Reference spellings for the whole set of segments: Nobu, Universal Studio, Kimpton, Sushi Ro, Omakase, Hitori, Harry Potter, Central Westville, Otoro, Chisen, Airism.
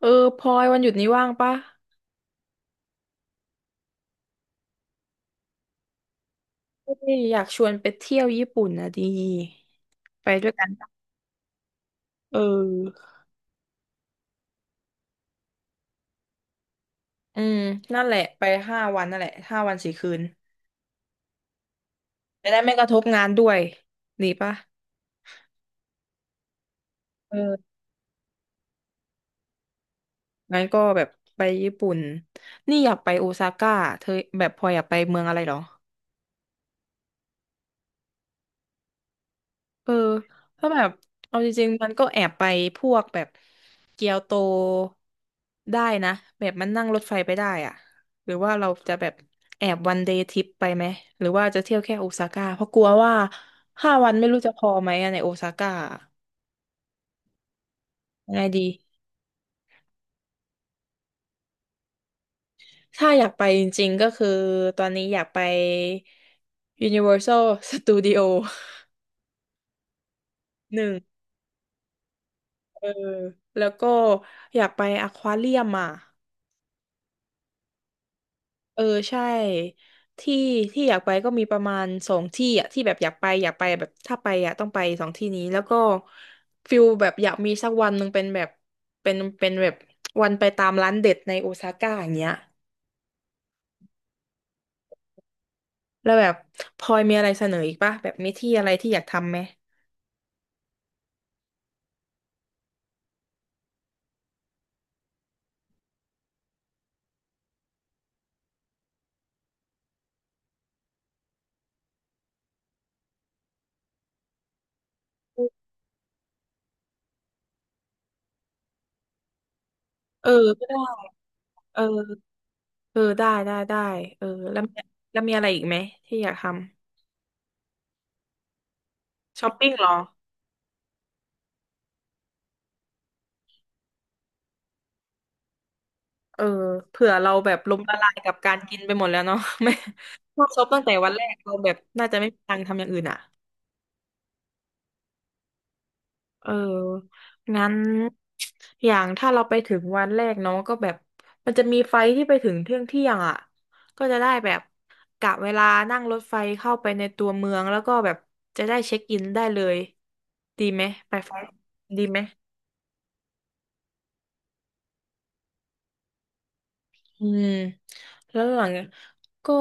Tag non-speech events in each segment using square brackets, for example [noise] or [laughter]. เออพลอยวันหยุดนี้ว่างปะเอ้ยอยากชวนไปเที่ยวญี่ปุ่นนะดีไปด้วยกันปะเอออืมนั่นแหละไปห้าวันนั่นแหละ5 วัน 4 คืนจะได้ไม่กระทบงานด้วยดีปะเอองั้นก็แบบไปญี่ปุ่นนี่อยากไปโอซาก้าเธอแบบพลอยอยากไปเมืองอะไรเหรอ เออถ้าะแบบเอาจริงๆมันก็แอบไปพวกแบบเกียวโตได้นะแบบมันนั่งรถไฟไปได้อะหรือว่าเราจะแบบแอบวันเดย์ทริปไปไหมหรือว่าจะเที่ยวแค่โอซาก้าเพราะกลัวว่าห้าวันไม่รู้จะพอไหมอะในโอซาก้ายังไงดีถ้าอยากไปจริงๆก็คือตอนนี้อยากไป Universal Studio หนึ่งเออแล้วก็อยากไปอควาเรียมอ่ะ เออใช่ที่ที่อยากไปก็มีประมาณสองที่อ่ะที่แบบอยากไปอยากไปแบบถ้าไปอ่ะต้องไปสองที่นี้แล้วก็ฟิลแบบอยากมีสักวันหนึ่งเป็นแบบเป็นแบบวันไปตามร้านเด็ดในโอซาก้าอย่างเงี้ยแล้วแบบพลอยมีอะไรเสนออีกปะแบบมีที่อะไรที่อยากทำไหมเออก็ได้เออเออได้ได้ได้เออแล้วมีแล้วมีอะไรอีกไหมที่อยากทำช้อปปิ้งเหรอ เออเผื่อเราแบบล้มละลายกับการกินไปหมดแล้วเนาะ [laughs] ไม่ชอบซบตั้งแต่วันแรกเราแบบน่าจะไม่มีตังค์ทำอย่างอื่นอ่ะเอองั้นอย่างถ้าเราไปถึงวันแรกเนาะก็แบบมันจะมีไฟล์ที่ไปถึงเที่ยงเที่ยงอ่ะก็จะได้แบบกะเวลานั่งรถไฟเข้าไปในตัวเมืองแล้วก็แบบจะได้เช็คอินได้เลยดีไหมไปไฟล์ดีไหม อืมแล้วหลังก็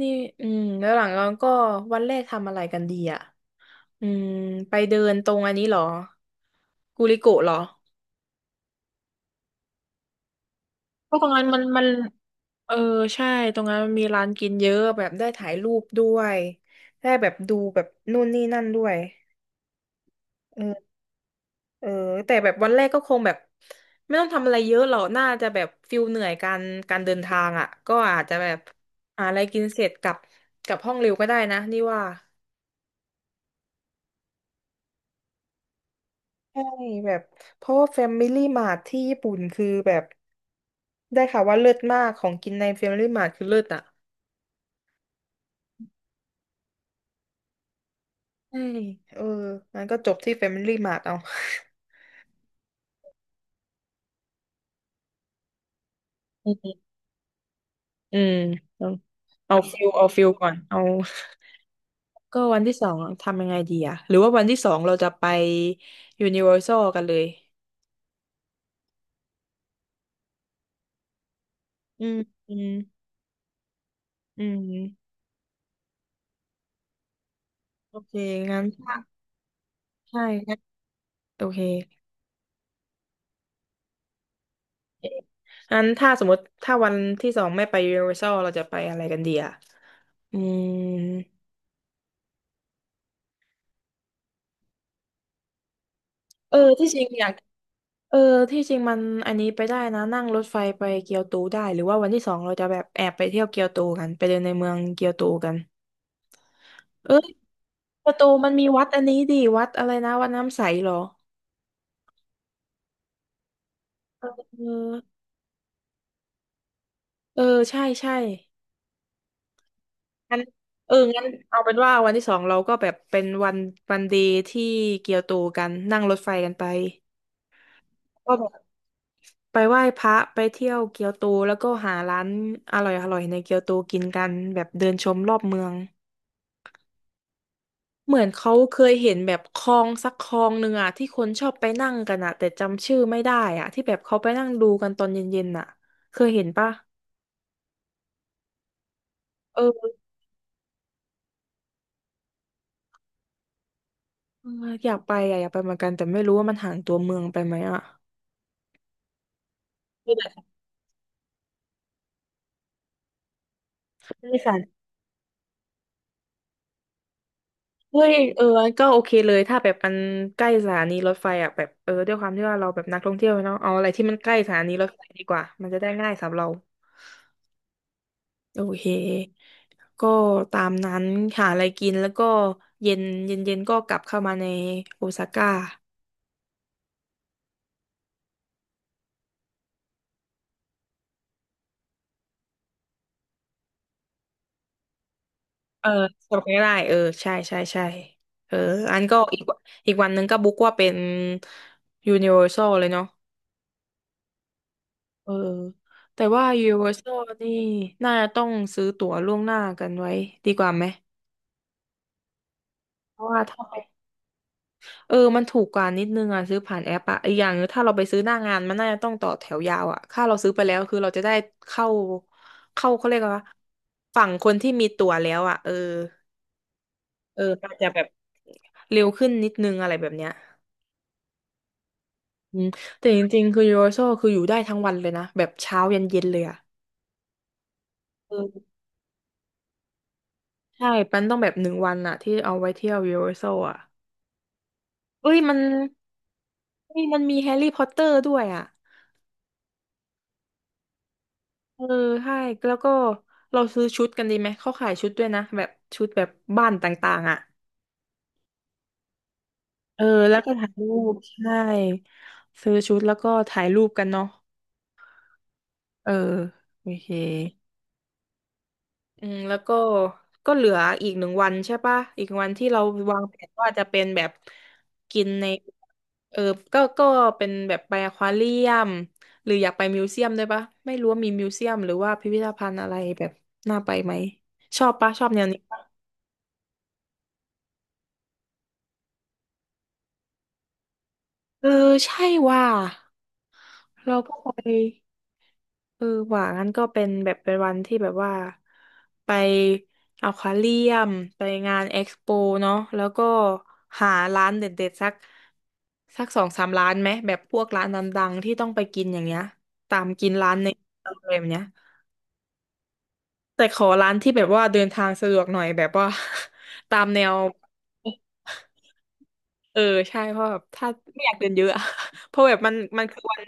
นี่อืมแล้วหลังก็วันแรกทำอะไรกันดีอ่ะอืมไปเดินตรงอันนี้เหรอกูริโกะเหรอเพราะตรงนั้นมันเออใช่ตรงนั้นมันมีร้านกินเยอะแบบได้ถ่ายรูปด้วยได้แบบดูแบบนู่นนี่นั่นด้วยเออ เออแต่แบบวันแรกก็คงแบบไม่ต้องทำอะไรเยอะหรอกน่าจะแบบฟิลเหนื่อยการเดินทางอ่ะก็อาจจะแบบหาอะไรกินเสร็จกลับห้องเร็วก็ได้นะนี่ว่าใช่แบบเพราะว่าแฟมิลี่มาที่ญี่ปุ่นคือแบบได้ค่ะว่าเลิศมากของกินในแฟมิลี่มา t ์คือเลิศอ่ะใช่เอองั้นก็จบที่แฟมิลี่มา t ์เอาอืมอืมเอาเอา [laughs] ฟิลเอาฟิลก่อนเอา ก็วันที่สองทำยังไงดีอะหรือว่าวันที่สองเราจะไป Universal กันเลยอืมอืมอืมโอเคงั้นถ้าใช่งั้นโอเคงั้นถ้าสมมติถ้าวันที่สองไม่ไป Universal เราจะไปอะไรกันดีอะอืมเออที่จริงอยากเออที่จริงมันอันนี้ไปได้นะนั่งรถไฟไปเกียวโตได้หรือว่าวันที่สองเราจะแบบแอบไปเที่ยวเกียวโตกันไปเดินในเมืองเกียวโตกันเออยเกียวโตมันมีวัดอันนี้ดิวัดอะไรนะวัดน้ำใสเหรอ เออเออใช่ใช่งั้นเอองั้นเอาเป็นว่าวันที่สองเราก็แบบเป็นวันวันเดีที่เกียวโตกัน นั่งรถไฟกันไปก็แบบไปไหว้พระไปเที่ยวเกียวโตแล้วก็หาร้านอร่อยอร่อยในเกียวโตกินกันแบบเดินชมรอบเมืองเหมือนเขาเคยเห็นแบบคลองสักคลองหนึ่งอะที่คนชอบไปนั่งกันอะแต่จำชื่อไม่ได้อะที่แบบเขาไปนั่งดูกันตอนเย็นๆอะเคยเห็นปะเออเอออยากไปอะอยากไปเหมือนกันแต่ไม่รู้ว่ามันห่างตัวเมืองไปไหมอะ คือแบบใช่ค่ะเฮ้ยเออก็โอเคเลย ถ้าแบบมันใกล้สถานีรถไฟอ่ะแบบเออด้วยความที่ว่าเราแบบนักท่องเที่ยวเนาะเอาอะไรที่มันใกล้สถานีรถไฟดีกว่า มันจะได้ง่ายสำหรับเราโอเคก็ตามนั้นหาอะไรกินแล้วก็เย็นเย็นเย็นก็กลับเข้ามาในโอซาก้าเออสำรบไม่ได้เออใช่ใช่ใช่เอออันก็อีกวันอีกวันนึงก็บุ๊กว่าเป็นยูนิเวอร์ซเลยเนาะ เออแต่ว่า Universal นี่น่าจะต้องซื้อตั๋วล่วงหน้ากันไว้ดีกว่าไหมเพราะว่าถ้าไปเออมันถูกกว่านิดนึงอ่ะซื้อผ่านแอปอ่ะอีกอย่างหนึงถ้าเราไปซื้อหน้างานมันน่าจะต้องต่อแถวยาวอ่ะถ้าเราซื้อไปแล้วคือเราจะได้เข้าเข้าเขาเรียกว่าฝั่งคนที่มีตั๋วแล้วอ่ะเออเออมันจะแบบเร็วขึ้นนิดนึงอะไรแบบเนี้ยอืมแต่จริงๆคือ Universal คืออยู่ได้ทั้งวันเลยนะแบบเช้ายันเย็นเลยอ่ะเออใช่ปันต้องแบบหนึ่งวันอะที่เอาไว้เที่ยว Universal อร์แซลอะ เอ้ยมันเอ้ยมันมีแฮร์รี่พอตเตอร์ด้วยอ่ะ เออใช่แล้วก็เราซื้อชุดกันดีไหมเขาขายชุดด้วยนะแบบชุดแบบบ้านต่างๆอ่ะเออแล้วก็ถ่ายรูปใช่ซื้อชุดแล้วก็ถ่ายรูปกันเนาะเออโอเค อืมแล้วก็เหลืออีกหนึ่งวันใช่ปะอีกวันที่เราวางแผนว่าจะเป็นแบบกินในเออก็เป็นแบบไปอควาเรียมหรืออยากไปมิวเซียมด้วยปะไม่รู้ว่ามีมิวเซียมหรือว่าพิพิธภัณฑ์อะไรแบบน่าไปไหมชอบปะชอบแนวนี้ปะเออใช่ว่าเราก็ไป เออหว่างั้นก็เป็นแบบเป็นวันที่แบบว่าไปอควาเรียมไปงานเอ็กซ์โปเนาะแล้วก็หาร้านเด็ดๆสักสองสามร้านไหมแบบพวกร้านดังๆที่ต้องไปกินอย่างเงี้ยตามกินร้านในอะไรแบบเนี้ย แต่ขอร้านที่แบบว่าเดินทางสะดวกหน่อยแบบว่า [laughs] ตามแนวเออใช่เพราะแบบถ้าไม่อยากเดินเยอะอะ [laughs] เพราะแบบมันคือวัน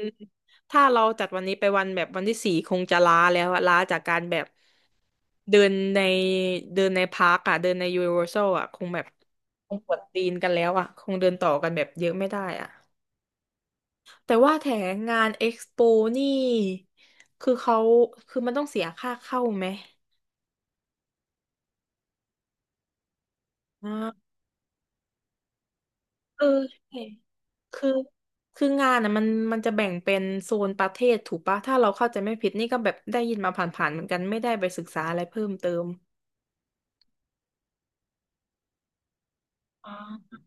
ถ้าเราจัดวันนี้ไปวันแบบวันที่สี่คงจะล้าแล้วอะล้าจากการแบบเดินในเดินในพาร์คอะเดินในยูนิเวอร์แซลอะคงแบบคงปวดตีนกันแล้วอะคงเดินต่อกันแบบเยอะไม่ได้อะแต่ว่าแถงงานเอ็กซ์โปนี่คือเขาคือมันต้องเสียค่าเข้าไหมอ่า คือใช่คืองานอ่ะมันจะแบ่งเป็นโซนประเทศถูกปะถ้าเราเข้าใจไม่ผิดนี่ก็แบบได้ยินมาผ่านๆเหมือนกันไม่ได้ไปศึกษาอะไรเพิ่มเติมอ๋อ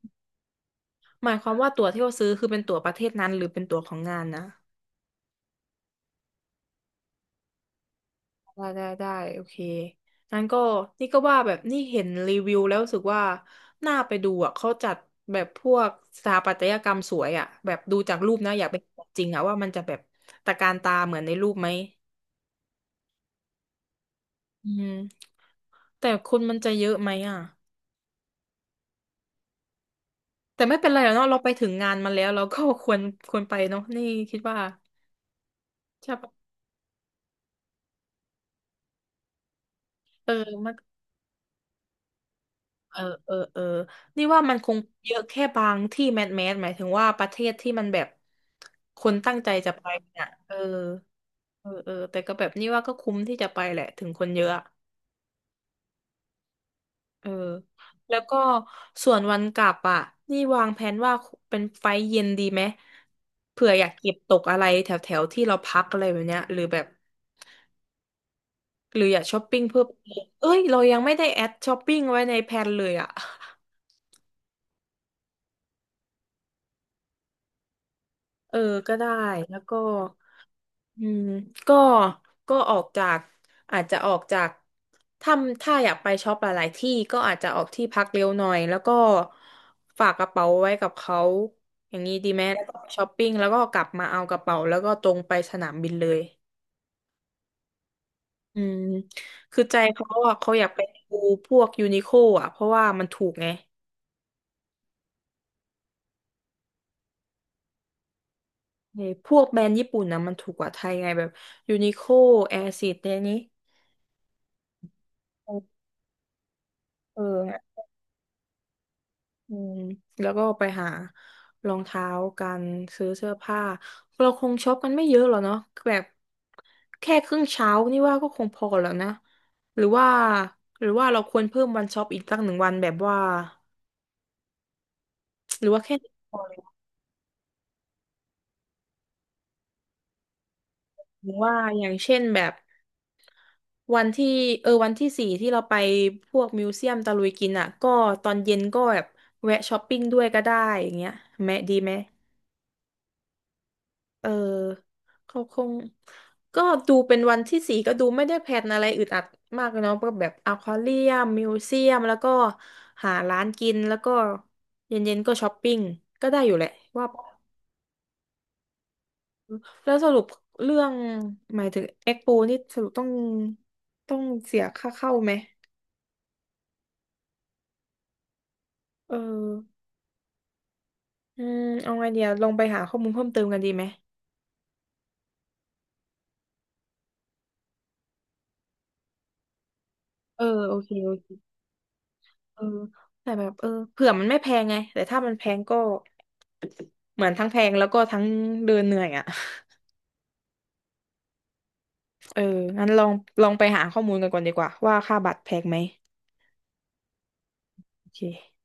หมายความว่าตั๋วที่เราซื้อคือเป็นตั๋วประเทศนั้นหรือเป็นตั๋วของงานนะได้ได้ได้โอเคงั้นก็นี่ก็ว่าแบบนี่เห็นรีวิวแล้วรู้สึกว่าน่าไปดูอ่ะเขาจัดแบบพวกสถาปัตยกรรมสวยอ่ะแบบดูจากรูปนะอยากไปเห็นของจริงอ่ะว่ามันจะแบบตระการตาเหมือนในรูปไหมอืม แต่คนมันจะเยอะไหมอ่ะแต่ไม่เป็นไรหรอกเนาะเราไปถึงงานมาแล้วเราก็ควรควรไปเนาะนี่คิดว่าใช่ปะเออมันเออนี่ว่ามันคงเยอะแค่บางที่แมสแมสหมายถึงว่าประเทศที่มันแบบคนตั้งใจจะไปเนี่ยเออเออแต่ก็แบบนี่ว่าก็คุ้มที่จะไปแหละถึงคนเยอะอะเออแล้วก็ส่วนวันกลับอ่ะนี่วางแผนว่าเป็นไฟล์เย็นดีไหมเผื่ออยากเก็บตกอะไรแถวแถวที่เราพักอะไรแบบเนี้ยหรือแบบ หรืออยากช้อปปิ้งเพิ่มเติมเอ้ยเรายังไม่ได้แอดช้อปปิ้งไว้ในแพลนเลยอ่ะ [laughs] เออก็ได้แล้วก็อืมก็ก็ออกจากอาจจะออกจากถ้าถ้าอยากไปช็อปหลายๆที่ก็อาจจะออกที่พักเร็วหน่อยแล้วก็ฝากกระเป๋าไว้กับเขาอย่างนี้ดีไหมแล้วก็ไปช้อปปิ้งแล้วก็กลับมาเอากระเป๋าแล้วก็ตรงไปสนามบินเลยอืมคือใจเขาอะเขาอยากไปดูพวกยูนิโคอ่ะเพราะว่ามันถูกไง เอ้ยพวกแบรนด์ญี่ปุ่นนะมันถูกกว่าไทยไงแบบยูนิโคแอร์ซิดเนี่ยนี้เออเนี่ยอืมแล้วก็ไปหารองเท้ากันซื้อเสื้อผ้าเราคงช็อปกันไม่เยอะหรอกเนาะแบบแค่ครึ่งเช้านี่ว่าก็คงพอแล้วนะหรือว่าเราควรเพิ่มวันช็อปอีกสักหนึ่งวันแบบว่าหรือว่าแค่นี้พอเลยหรือว่าอย่างเช่นแบบ วันที่เออวันที่สี่ที่เราไปพวกมิวเซียมตะลุยกินอ่ะก็ตอนเย็นก็แบบแวะช้อปปิ้งด้วยก็ได้อย่างเงี้ยแม่ดีไหมเออเขาคงก็ดูเป็นวันที่สี่ก็ดูไม่ได้แพลนอะไรอึดอัดมากเนาะก็แบบอควาเรียมมิวเซียมแล้วก็หาร้านกินแล้วก็เย็นๆก็ช้อปปิ้งก็ได้อยู่แหละว่าแล้วสรุปเรื่องหมายถึงเอ็กโปนี่สรุปต้องเสียค่าเข้าไหมเออ อืมเอาไงเดียวลองไปหาข้อมูลเพิ่มเติมกันดีไหมเออโอเคโอเคเออแต่แบบเออเผื่อมันไม่แพงไงแต่ถ้ามันแพงก็เหมือนทั้งแพงแล้วก็ทั้งเดินเหนื่อยอ่ะ [laughs] เอองั้นลองไปหาข้อมูลกันก่อนดีกว่าว่าค่าบัตรแพงไหมโอเค